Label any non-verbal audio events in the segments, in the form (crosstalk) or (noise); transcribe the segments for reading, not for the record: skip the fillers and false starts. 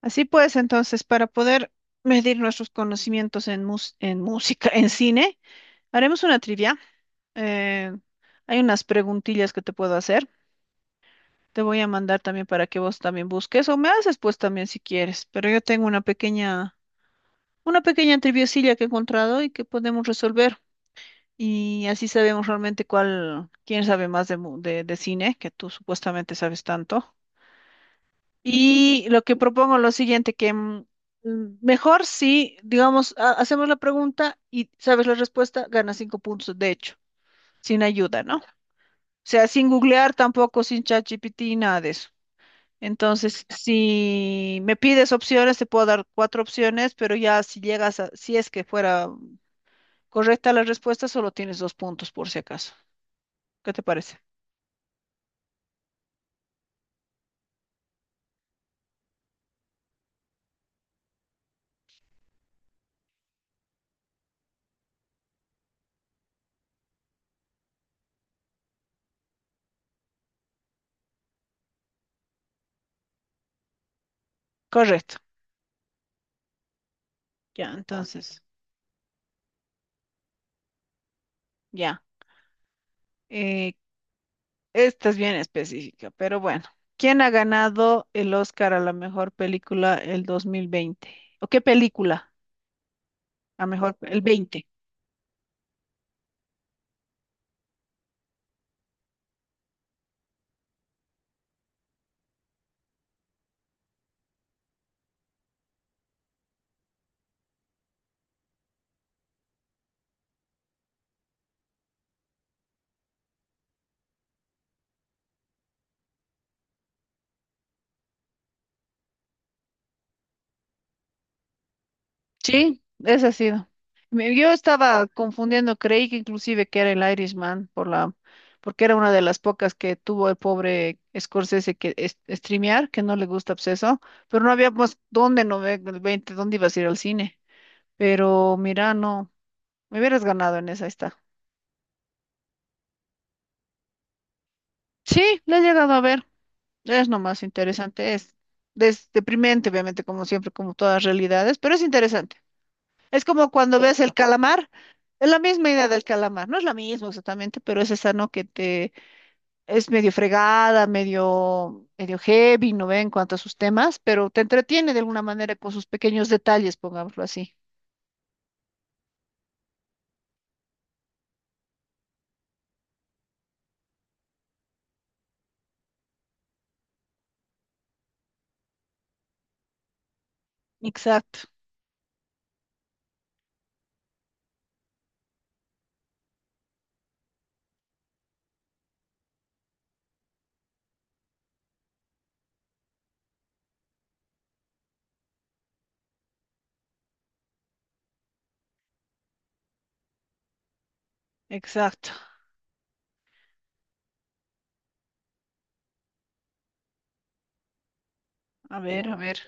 Así pues, entonces, para poder medir nuestros conocimientos en, en música, (laughs) en cine, haremos una trivia. Eh, hay unas preguntillas que te puedo hacer. Te voy a mandar también para que vos también busques o me haces pues también si quieres. Pero yo tengo una pequeña triviacilla que he encontrado y que podemos resolver. Y así sabemos realmente cuál, quién sabe más de, de cine, que tú supuestamente sabes tanto. Y lo que propongo es lo siguiente, que mejor si, digamos, hacemos la pregunta y sabes la respuesta, ganas cinco puntos, de hecho, sin ayuda, ¿no? O sea, sin googlear tampoco, sin ChatGPT, nada de eso. Entonces, si me pides opciones, te puedo dar cuatro opciones, pero ya si llegas a, si es que fuera correcta la respuesta, solo tienes dos puntos por si acaso. ¿Qué te parece? Correcto. Ya, entonces, ya. Eh, esta es bien específica, pero bueno. ¿Quién ha ganado el Oscar a la mejor película el 2020? ¿O qué película? ¿A mejor, el 20? Sí, esa ha sido. Yo estaba confundiendo, creí que inclusive que era el Irishman por la, porque era una de las pocas que tuvo el pobre Scorsese que streamear, que no le gusta obseso, pero no había más dónde no ve el 20, dónde ibas a ir al cine. Pero mira, no, me hubieras ganado en esa, ahí está. Sí, la he llegado a ver. Es lo más interesante, es, deprimente, obviamente, como siempre, como todas realidades, pero es interesante. Es como cuando ves el calamar, es la misma idea del calamar, no es la misma exactamente, pero es esa, ¿no? Que te es medio fregada, medio, medio heavy, ¿no ve? En cuanto a sus temas, pero te entretiene de alguna manera con sus pequeños detalles, pongámoslo así. Exacto, exacto. A ver, a ver.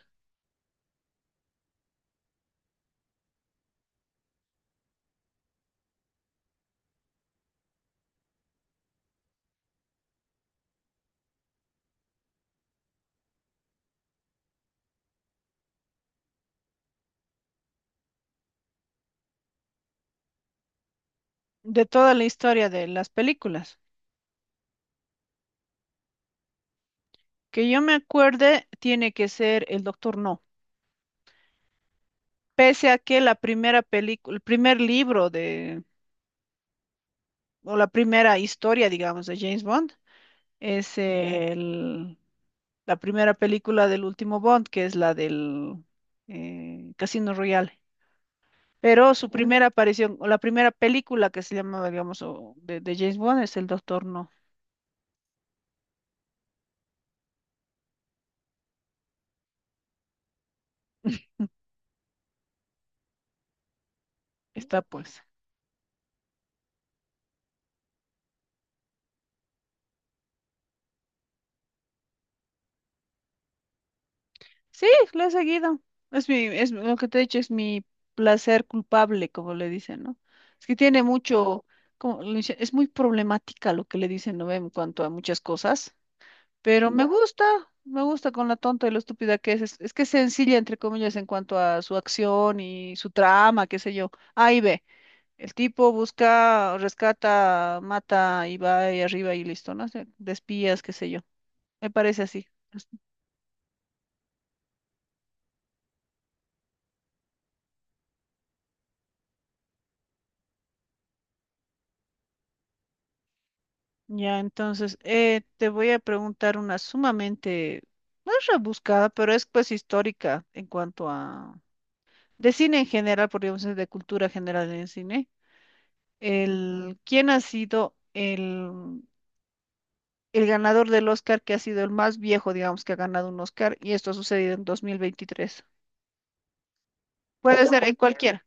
De toda la historia de las películas, que yo me acuerde, tiene que ser el Doctor No. Pese a que la primera película, el primer libro de, o la primera historia, digamos, de James Bond es el- la primera película del último Bond, que es la del Casino Royale. Pero su primera aparición, o la primera película que se llamaba, digamos, o de James Bond es El Doctor No. Está pues. Sí, lo he seguido. Es mi, es lo que te he dicho, es mi placer culpable, como le dicen, ¿no? Es que tiene mucho, es muy problemática lo que le dicen, ¿no? En cuanto a muchas cosas, pero me gusta con la tonta y lo estúpida que es. Es que es sencilla, entre comillas, en cuanto a su acción y su trama, qué sé yo. Ahí ve, el tipo busca, rescata, mata y va ahí arriba y listo, ¿no? O sea, de espías, qué sé yo. Me parece así. Ya, entonces, te voy a preguntar una sumamente, no es rebuscada, pero es pues histórica en cuanto a, de cine en general, podríamos decir, de cultura general en el cine. El, ¿quién ha sido el ganador del Oscar que ha sido el más viejo, digamos, que ha ganado un Oscar? Y esto ha sucedido en dos mil veintitrés. Puede ser en cualquiera,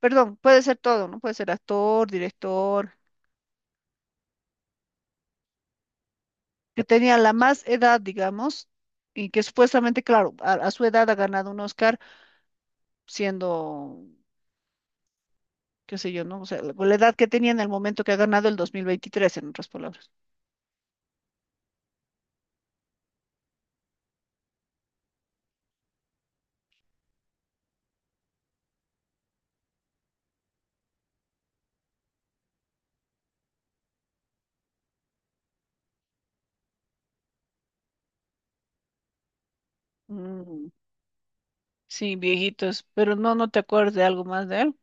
perdón, puede ser todo, ¿no? Puede ser actor, director, que tenía la más edad, digamos, y que supuestamente, claro, a su edad ha ganado un Oscar siendo, qué sé yo, ¿no? O sea, la edad que tenía en el momento que ha ganado el 2023, en otras palabras. Mm, sí, viejitos, pero no, no te acuerdas de algo más de él.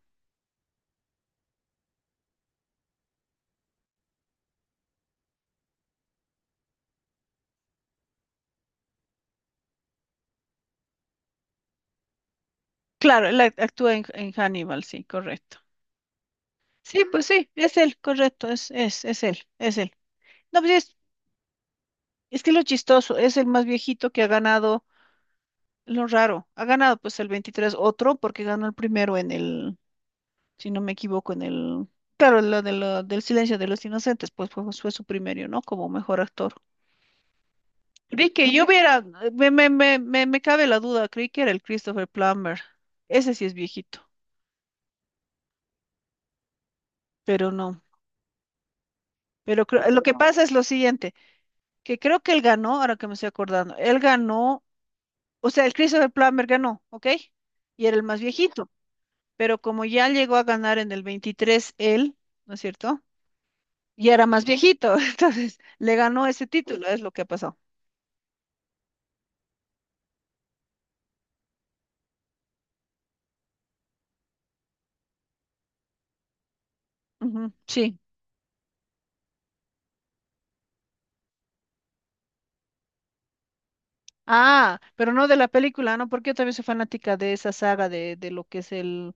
Claro, él actúa en Hannibal, sí, correcto. Sí, pues sí, es él, correcto, es él, es él. No, pues es que lo chistoso, es el más viejito que ha ganado, lo raro, ha ganado pues el 23 otro porque ganó el primero en el, si no me equivoco, en el, claro, lo de del silencio de los inocentes, pues fue, fue su primero, ¿no? Como mejor actor. Creí que yo hubiera, me cabe la duda, creí que era el Christopher Plummer. Ese sí es viejito, pero no. Pero creo, lo que pasa es lo siguiente, que creo que él ganó, ahora que me estoy acordando, él ganó, o sea, el Christopher Plummer ganó, ¿ok? Y era el más viejito, pero como ya llegó a ganar en el 23 él, ¿no es cierto? Y era más viejito, (laughs) entonces le ganó ese título, es lo que ha pasado. Ujú, sí. Ah, pero no de la película, ¿no? Porque yo también soy fanática de esa saga de lo que es el,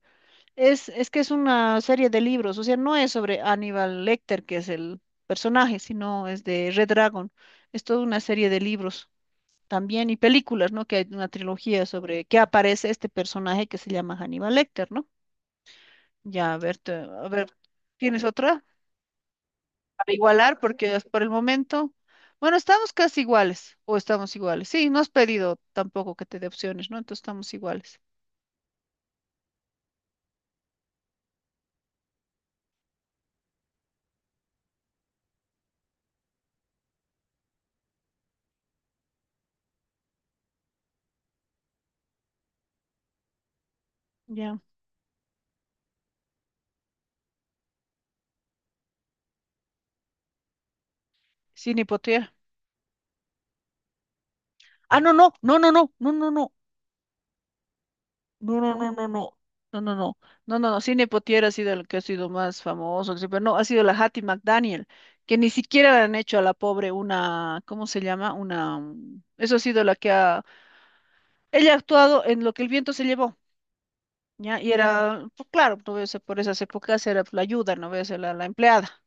es que es una serie de libros, o sea, no es sobre Aníbal Lecter, que es el personaje, sino es de Red Dragon. Es toda una serie de libros también y películas, ¿no? Que hay una trilogía sobre que aparece este personaje que se llama Aníbal Lecter, ¿no? Ya, a ver, a ver, ¿tienes otra? Para igualar, porque es por el momento, bueno, estamos casi iguales, o estamos iguales. Sí, no has pedido tampoco que te dé opciones, ¿no? Entonces estamos iguales. Ya, sin hipoteca. Ah, no, no, no, no, no, no, no, no. No, no, no, no, no. No, no, no. No, no, no. Sidney Poitier ha sido el que ha sido más famoso, que sí. Pero no, ha sido la Hattie McDaniel, que ni siquiera le han hecho a la pobre una, ¿cómo se llama? Una, eso ha sido la que ha. Ella ha actuado en lo que el viento se llevó, ¿ya? Y era, pues, claro, no voy a ser por esas épocas era la ayuda, no voy a ser la, la empleada.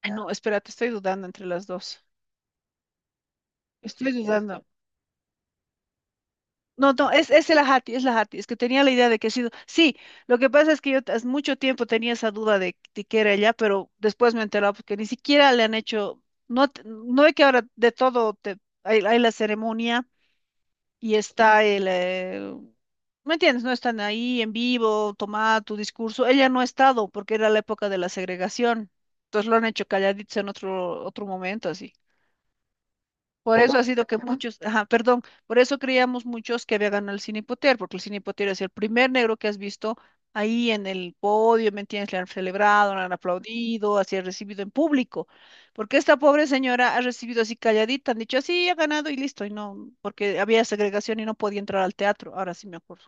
Ay, no, espérate, estoy dudando entre las dos. Estoy dudando. No, no, es el ajati, es la ajati, es que tenía la idea de que ha sido. Sí, lo que pasa es que yo hace mucho tiempo tenía esa duda de que era ella, pero después me he enterado porque ni siquiera le han hecho, no, no es que ahora de todo te, hay la ceremonia y está el, ¿me entiendes? No están ahí en vivo, toma tu discurso. Ella no ha estado porque era la época de la segregación, entonces lo han hecho calladitos en otro, otro momento, así. Por eso ha sido que muchos, ajá, perdón, por eso creíamos muchos que había ganado el Cine Potter, porque el Cine Potter es el primer negro que has visto ahí en el podio, ¿me entiendes? Le han celebrado, le han aplaudido, así ha recibido en público, porque esta pobre señora ha recibido así calladita, han dicho así, ha ganado y listo, y no, porque había segregación y no podía entrar al teatro, ahora sí me acuerdo.